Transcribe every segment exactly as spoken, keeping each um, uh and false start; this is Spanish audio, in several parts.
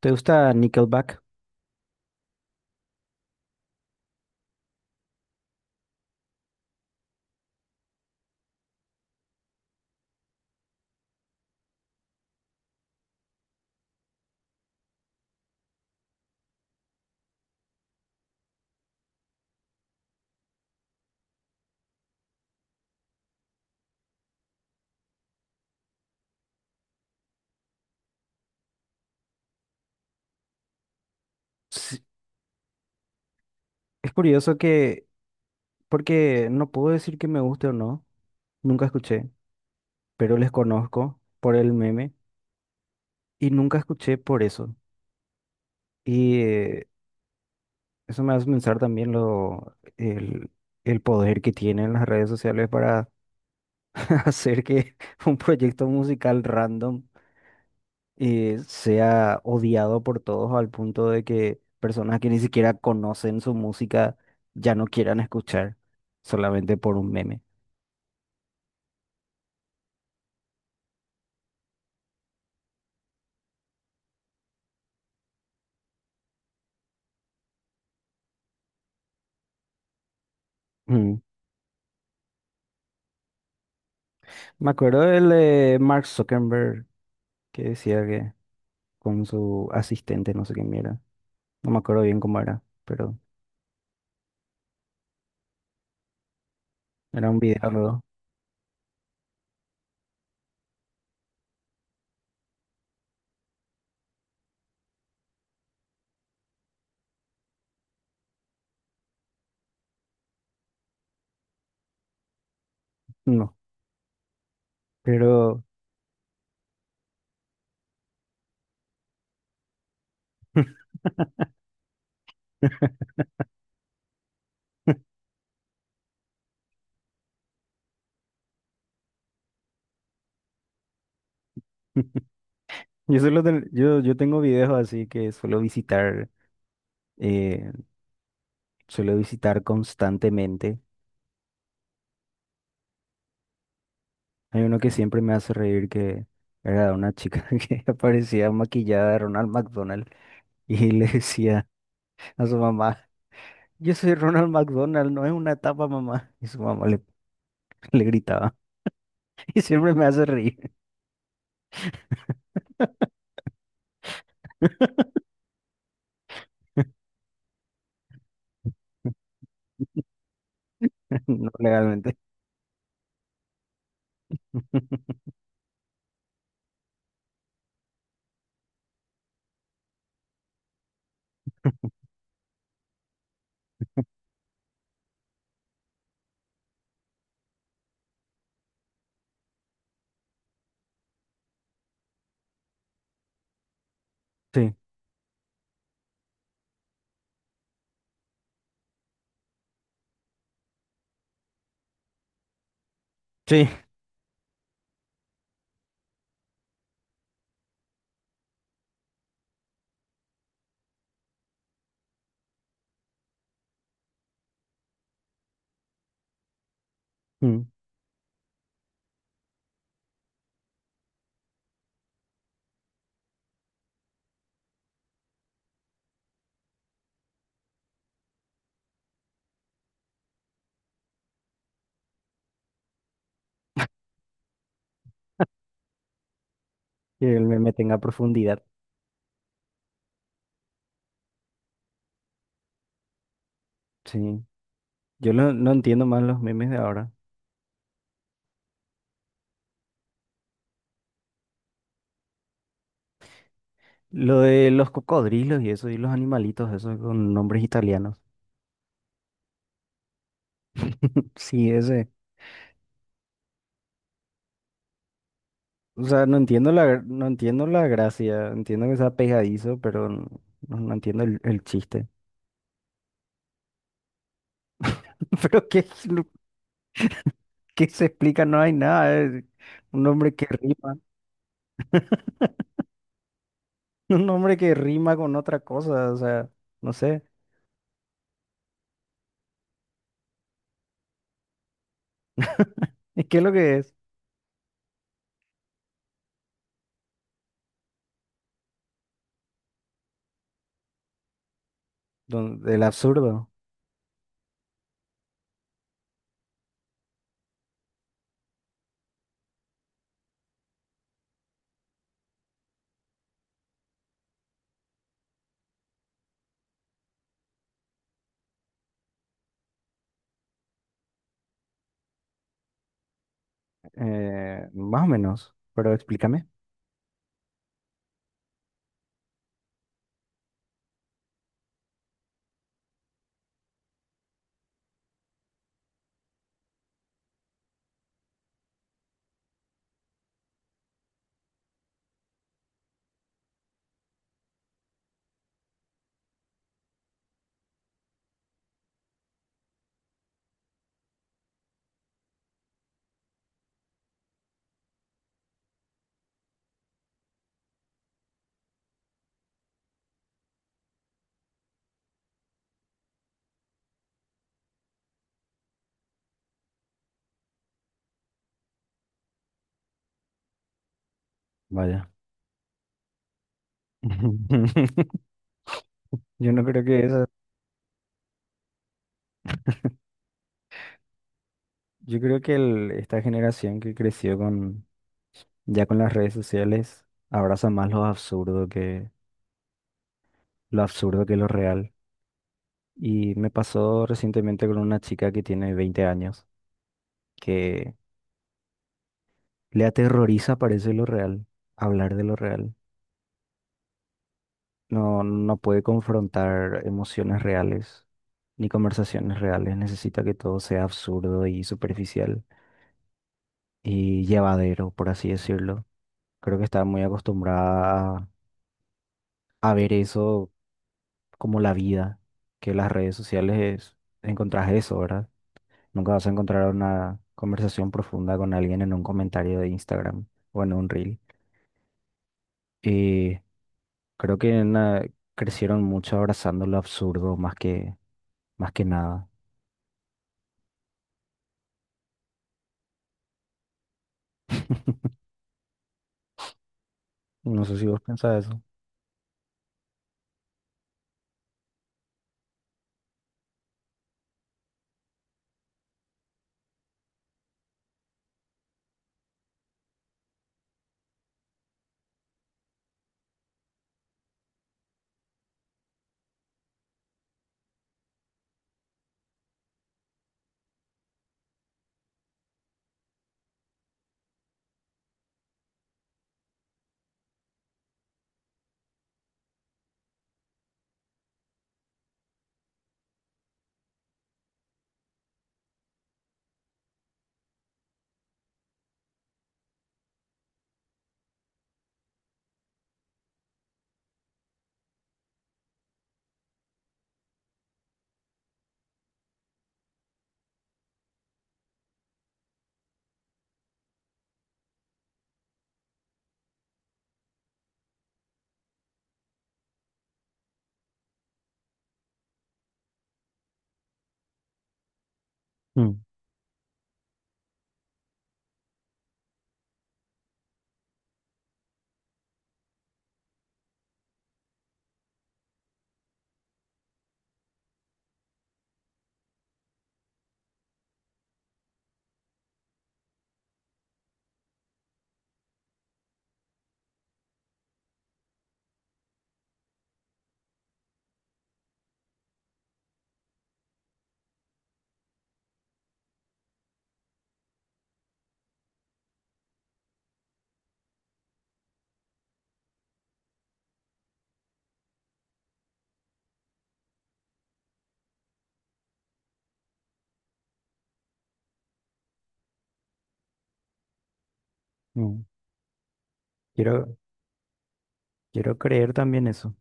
¿Te gusta Nickelback? Sí, es curioso que, porque no puedo decir que me guste o no, nunca escuché, pero les conozco por el meme y nunca escuché por eso. Y eh, eso me hace pensar también lo, el, el poder que tienen las redes sociales para hacer que un proyecto musical random eh, sea odiado por todos al punto de que personas que ni siquiera conocen su música ya no quieran escuchar solamente por un meme. Me acuerdo del de Mark Zuckerberg que decía que con su asistente, no sé qué mierda. No me acuerdo bien cómo era, pero era un video luego. No, pero yo suelo ten- yo, yo tengo videos así que suelo visitar, eh, suelo visitar constantemente. Hay uno que siempre me hace reír que era de una chica que aparecía maquillada de Ronald McDonald y le decía a su mamá, yo soy Ronald McDonald, no es una etapa, mamá. Y su mamá le le gritaba. Y siempre me hace reír, no legalmente. Sí, sí. Mm. Que el meme tenga profundidad. Sí. Yo lo- no entiendo más los memes de ahora. Lo de los cocodrilos y eso, y los animalitos, eso con nombres italianos. Sí, ese. O sea, no entiendo la, gra- no entiendo la gracia. Entiendo que sea pegadizo, pero n- no, no entiendo el, el chiste. Pero ¿qué es lo que se explica? No hay nada. Es un nombre que rima. Un nombre que rima con otra cosa, o sea, no sé. ¿Y ¿Qué es lo que es? Don- El absurdo. Eh, más o menos, pero explícame. Vaya. Yo no creo que esa, yo creo que el- esta generación que creció con, ya con las redes sociales, abraza más lo absurdo que, lo absurdo que lo real. Y me pasó recientemente con una chica que tiene veinte años, que le aterroriza, parece lo real, hablar de lo real. No, no puede confrontar emociones reales ni conversaciones reales. Necesita que todo sea absurdo y superficial y llevadero, por así decirlo. Creo que está muy acostumbrada a, a ver eso como la vida, que las redes sociales es- encontrás eso, ¿verdad? Nunca vas a encontrar una conversación profunda con alguien en un comentario de Instagram o en un reel. Y creo que na- crecieron mucho abrazando lo absurdo más que, más que nada. No sé si vos pensás eso. Mm. Mm. Quiero, quiero creer también eso.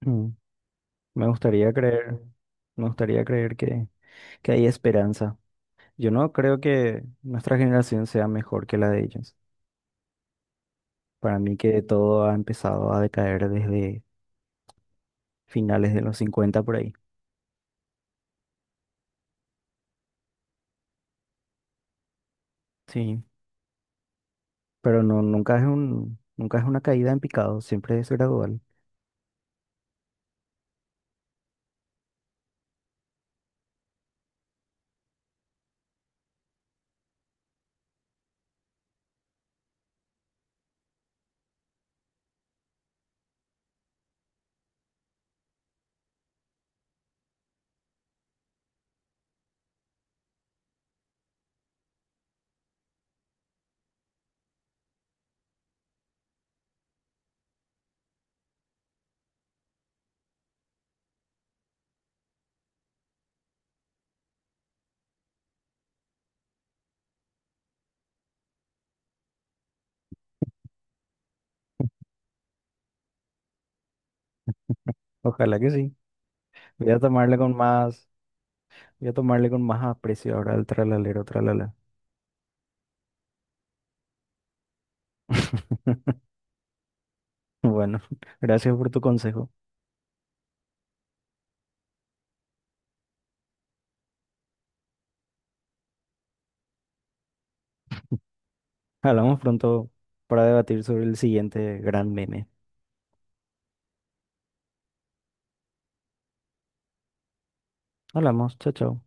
Mm. Me gustaría creer, me gustaría creer que, que hay esperanza. Yo no creo que nuestra generación sea mejor que la de ellos. Para mí que todo ha empezado a decaer desde finales de los cincuenta por ahí. Sí, pero no, nunca es un, nunca es una caída en picado, siempre es gradual. Ojalá que sí. Voy a tomarle con más, voy a tomarle con más aprecio ahora al tralalero, tralala. Bueno, gracias por tu consejo. Hablamos pronto para debatir sobre el siguiente gran meme. Hablamos, chao, chao.